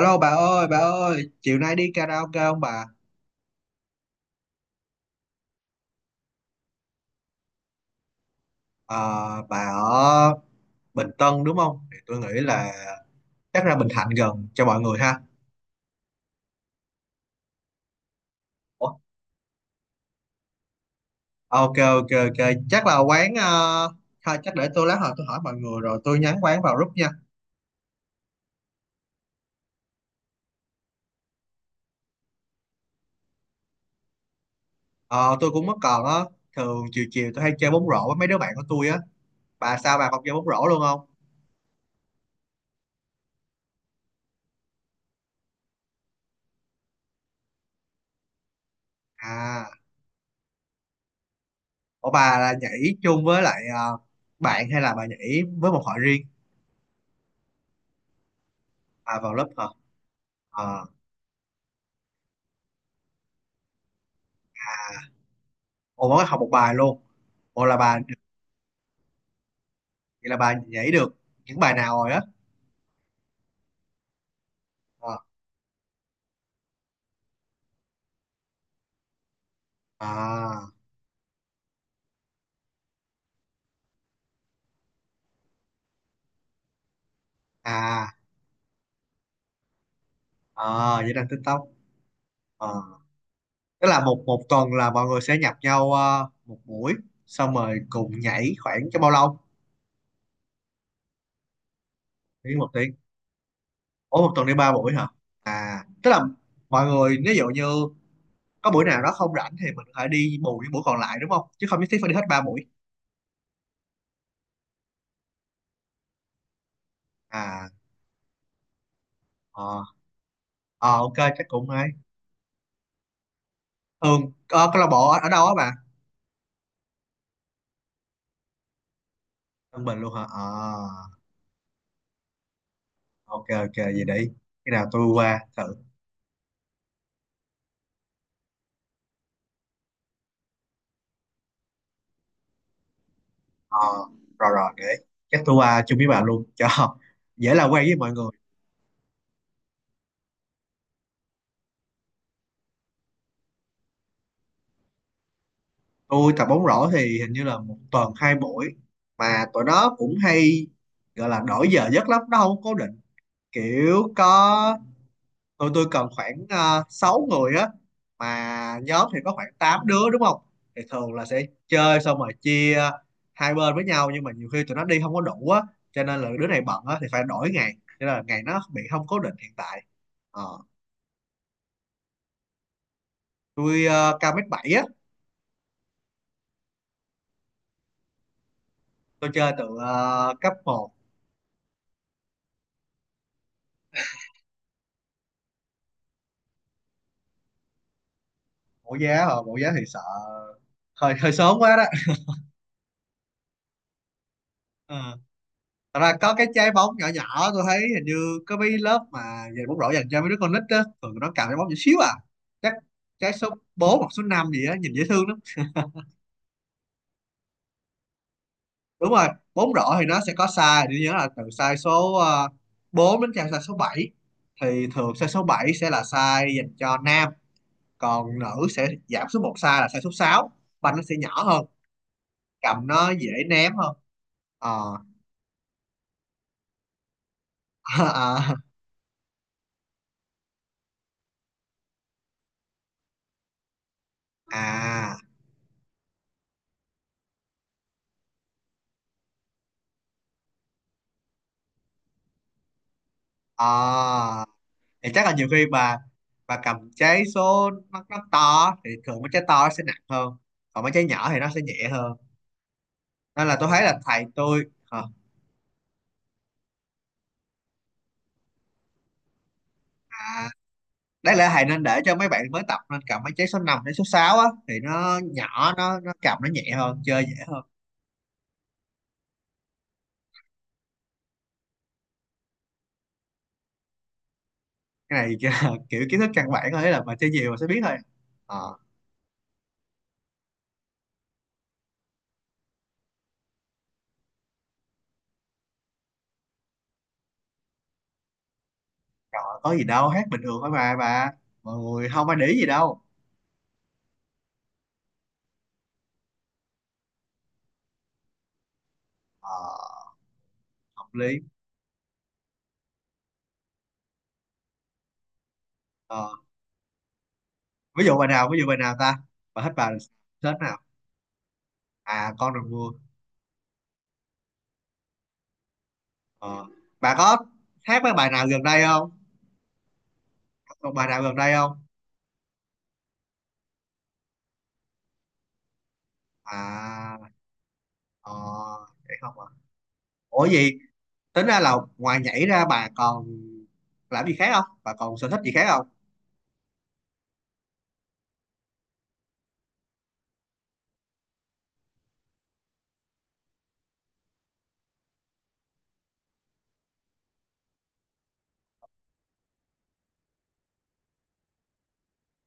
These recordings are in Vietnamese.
Alo bà ơi, chiều nay đi karaoke không bà? Ờ, bà ở Bình Tân đúng không? Thì tôi nghĩ là chắc ra Bình Thạnh gần cho mọi người ha. Ủa? Ok, ok, ok, chắc là quán, thôi, chắc để tôi lát hồi tôi hỏi mọi người rồi tôi nhắn quán vào group nha. Ờ, tôi cũng mất còn á, thường chiều chiều tôi hay chơi bóng rổ với mấy đứa bạn của tôi á. Bà sao bà còn chơi bóng rổ luôn không? À, ủa bà là nhảy chung với lại bạn hay là bà nhảy với một hội riêng? À, vào lớp hả? À, ồ mới học một bài luôn. Ồ, là bà vậy là bà nhảy được những bài nào rồi á. Ờ. à à à, vậy là TikTok. Ờ, tức là một một tuần là mọi người sẽ nhập nhau một buổi, xong rồi cùng nhảy khoảng cho bao lâu, đi một tiếng. Ủa, một tuần đi ba buổi hả? À, tức là mọi người ví dụ như có buổi nào đó không rảnh thì mình có thể đi bù những buổi còn lại đúng không, chứ không nhất thiết phải đi hết ba buổi. À, ờ. Ờ, ok chắc cũng hay. Thường câu lạc bộ ở ở đâu á bà? Tân Bình luôn hả? Ờ, ok ok vậy để cái nào tôi qua thử. Ờ, rồi rồi, để chắc tôi qua chung với bà luôn cho dễ làm quen với mọi người. Tôi tập bóng rổ thì hình như là một tuần hai buổi, mà tụi nó cũng hay gọi là đổi giờ giấc lắm, nó không cố định. Kiểu có, tụi tôi cần khoảng 6 người á, mà nhóm thì có khoảng 8 đứa đúng không, thì thường là sẽ chơi xong rồi chia hai bên với nhau, nhưng mà nhiều khi tụi nó đi không có đủ á, cho nên là đứa này bận á thì phải đổi ngày, cho nên là ngày nó bị không cố định hiện tại. Ờ, tôi cao mét bảy á. Tôi chơi từ cấp một. Mẫu giá thì sợ hơi hơi sớm quá đó. Ờ. Thật ra có cái trái bóng nhỏ nhỏ, tôi thấy hình như có mấy lớp mà về bóng rổ dành cho mấy đứa con nít á, thường nó cầm trái bóng nhỏ xíu à. Chắc trái số bốn hoặc số năm gì á, nhìn dễ thương lắm. Đúng rồi, bóng rổ thì nó sẽ có size, tôi nhớ là từ size số 4 đến size số bảy, thì thường size số 7 sẽ là size dành cho nam, còn nữ sẽ giảm xuống một size là size số 6, banh nó sẽ nhỏ hơn, cầm nó dễ ném hơn. Ờ. à, à, à. Thì chắc là nhiều khi bà cầm trái số, nó to thì thường mấy trái to nó sẽ nặng hơn, còn mấy trái nhỏ thì nó sẽ nhẹ hơn, nên là tôi thấy là thầy tôi ờ, à, đáng lẽ thầy nên để cho mấy bạn mới tập nên cầm mấy trái số 5 đến số 6 á, thì nó nhỏ, nó cầm nó nhẹ hơn, chơi dễ hơn. Cái này kiểu kiểu kiến thức căn bản thôi, ý là mà chơi nhiều mà sẽ biết thôi. Ờ, trời ơi, có gì đâu, hát bình thường thôi mà bà, mọi người không ai để ý gì đâu. Ờ, hợp lý. Ờ, ví dụ bài nào, ví dụ bài nào ta, bà thích bài thích nào? À, con được vua. Ờ. Bà có hát mấy bài nào gần đây không, còn bài nào gần đây không? À, ờ, vậy không à? Ủa gì? Tính ra là ngoài nhảy ra bà còn làm gì khác không, bà còn sở thích gì khác không?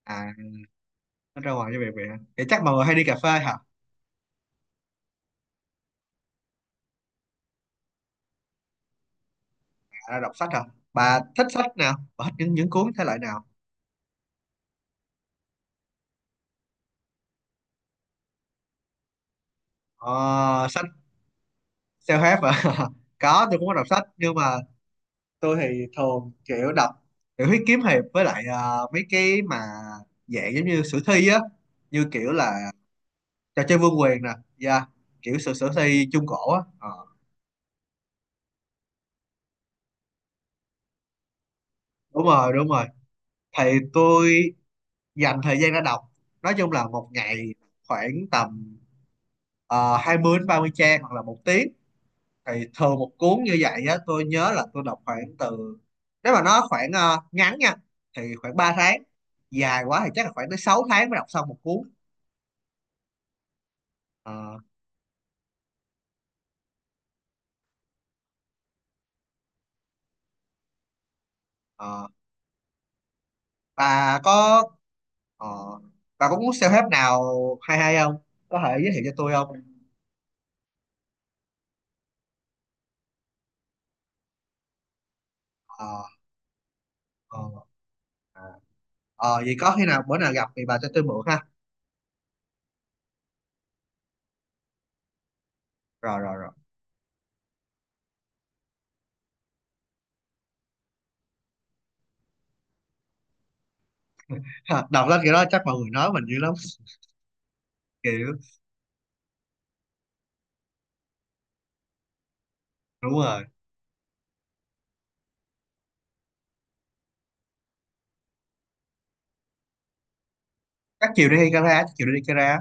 À, ra ngoài như vậy vậy hả? Vậy chắc mọi người hay đi cà phê hả? À, đọc sách hả? Bà thích sách nào, bà thích những cuốn thể loại nào? Ờ, Sách self-help hả? Có, tôi cũng có đọc sách nhưng mà tôi thì thường kiểu đọc tiểu thuyết kiếm hiệp với lại mấy cái mà dạng giống như sử thi á, như kiểu là trò chơi vương quyền nè, yeah. Kiểu sử sử thi trung cổ á. Ờ, đúng rồi đúng rồi, thì tôi dành thời gian ra đọc, nói chung là một ngày khoảng tầm 20 đến 30 trang hoặc là 1 tiếng, thì thường một cuốn như vậy á, tôi nhớ là tôi đọc khoảng từ, nếu mà nó khoảng ngắn nha thì khoảng 3 tháng, dài quá thì chắc là khoảng tới 6 tháng mới đọc xong một cuốn. Ờ, ờ. bà có ờ, bà có muốn self-help nào hay hay không, có thể giới thiệu cho tôi không? Ờ, ờ, à. Ờ, vậy có khi nào bữa nào gặp thì bà cho tôi mượn ha. Rồi rồi rồi. Đọc lên kiểu đó chắc mọi người nói mình dữ lắm. Kiểu đúng rồi, chắc chiều đi Kara,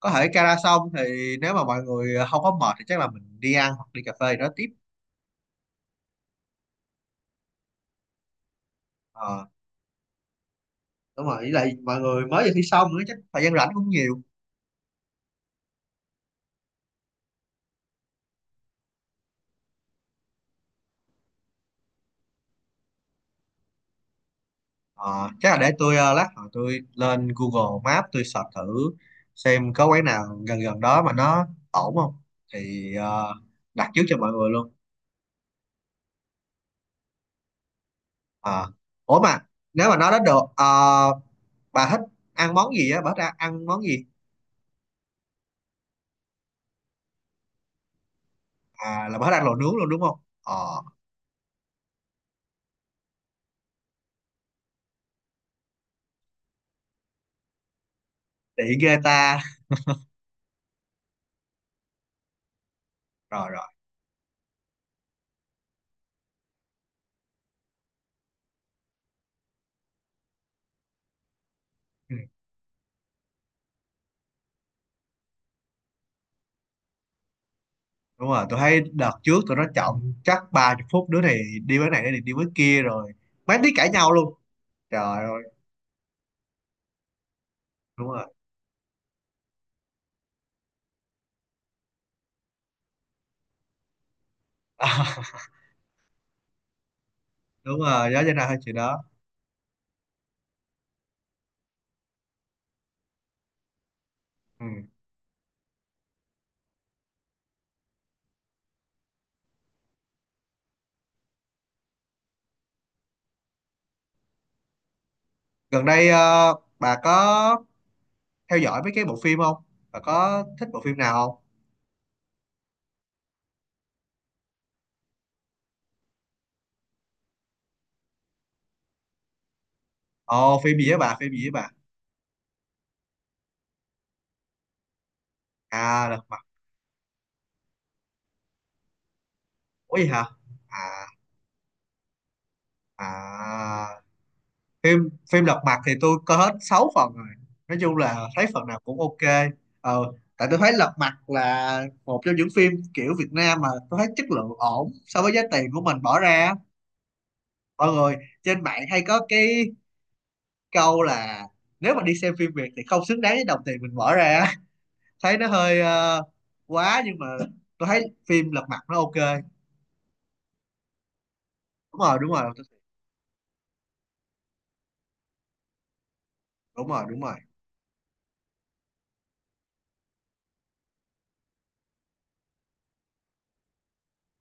có thể Kara xong thì nếu mà mọi người không có mệt thì chắc là mình đi ăn hoặc đi cà phê gì đó tiếp. ờ, Đúng rồi, với lại mọi người mới vừa thi xong nữa, chắc thời gian rảnh cũng nhiều. Ờ, chắc là để tôi lát hồi tôi lên Google Maps tôi search thử xem có quán nào gần gần đó mà nó ổn không, thì đặt trước cho mọi người luôn. Ờ. Ủa mà nếu mà nói đến được bà thích ăn món gì á, bà thích ăn món gì? À, là bà thích ăn lẩu nướng luôn đúng không? Ờ, tiện ghê ta. Rồi rồi. Ừ, đúng rồi, tôi thấy đợt trước tụi nó chọn chắc 30 phút, đứa này đi với này, đứa này đi với kia, rồi mấy tí cãi nhau luôn. Trời ơi, đúng rồi. Đúng rồi đó, cho nên là hơi chuyện đó. Ừ. Gần đây bà có theo dõi mấy cái bộ phim không, bà có thích bộ phim nào không? Ồ, phim gì với bà? À, lật mặt. Ủa gì hả? À, à, phim phim lật mặt thì tôi coi hết 6 phần rồi, nói chung là thấy phần nào cũng ok. Ờ, tại tôi thấy lật mặt là một trong những phim kiểu Việt Nam mà tôi thấy chất lượng ổn so với giá tiền của mình bỏ ra. Mọi người trên mạng hay có cái câu là nếu mà đi xem phim Việt thì không xứng đáng với đồng tiền mình bỏ ra, thấy nó hơi quá nhưng mà tôi thấy phim Lật Mặt nó ok. Đúng rồi, đúng rồi, đúng rồi, đúng rồi.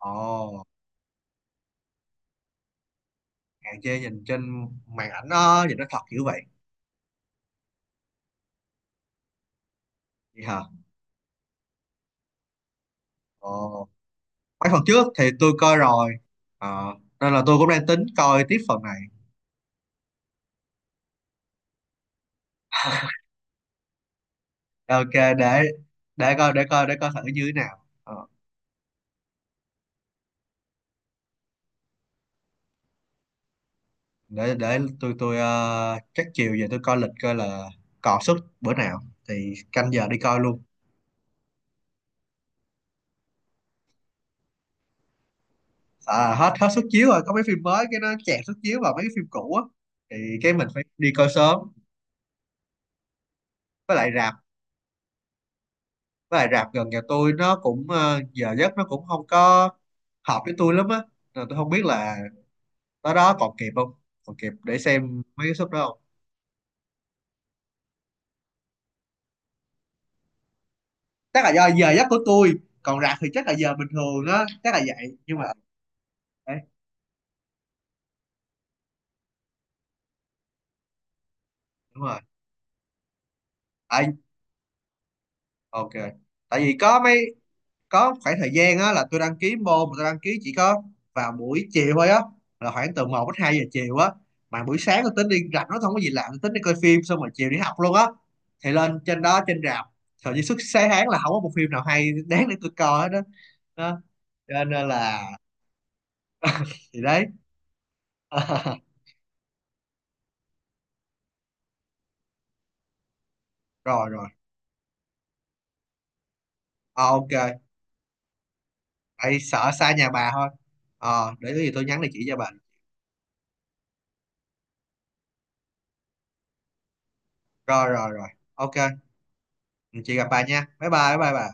Ồ, hạn chế nhìn trên màn ảnh, nó nhìn nó thật kiểu vậy. Vậy hả? Ồ, mấy phần trước thì tôi coi rồi. Ờ, nên là tôi cũng đang tính coi tiếp phần này. Ok, để để coi để coi để coi thử như thế nào. Ờ, để tôi chắc chiều về tôi coi lịch coi là còn suất bữa nào thì canh giờ đi coi luôn. À, hết hết suất chiếu rồi, có mấy phim mới cái nó chẹt suất chiếu vào mấy cái phim cũ á, thì cái mình phải đi coi sớm. với lại rạp với lại rạp gần nhà tôi nó cũng giờ giấc nó cũng không có hợp với tôi lắm á, nên tôi không biết là tới đó còn kịp không, còn kịp để xem mấy cái suất đó không. Chắc là do giờ giấc của tôi, còn rạp thì chắc là giờ bình thường á, chắc là vậy nhưng mà đấy, đúng rồi. Ấy, ok, tại vì có mấy, có khoảng thời gian á là tôi đăng ký môn mà tôi đăng ký chỉ có vào buổi chiều thôi á, là khoảng từ 1 đến 2 giờ chiều á, mà buổi sáng tôi tính đi rảnh nó không có gì làm, tôi tính đi coi phim xong rồi chiều đi học luôn á, thì lên trên đó trên rạp, thời gian suốt sáng tháng là không có một phim nào hay đáng để tôi coi hết đó. Đó, cho nên là thì đấy. Rồi rồi. Ờ, ok, tại sợ xa nhà bà thôi. Ờ, để có gì tôi nhắn địa chỉ cho bà. Rồi rồi rồi, ok. Chị gặp bà nha, bye bye bye bye bà.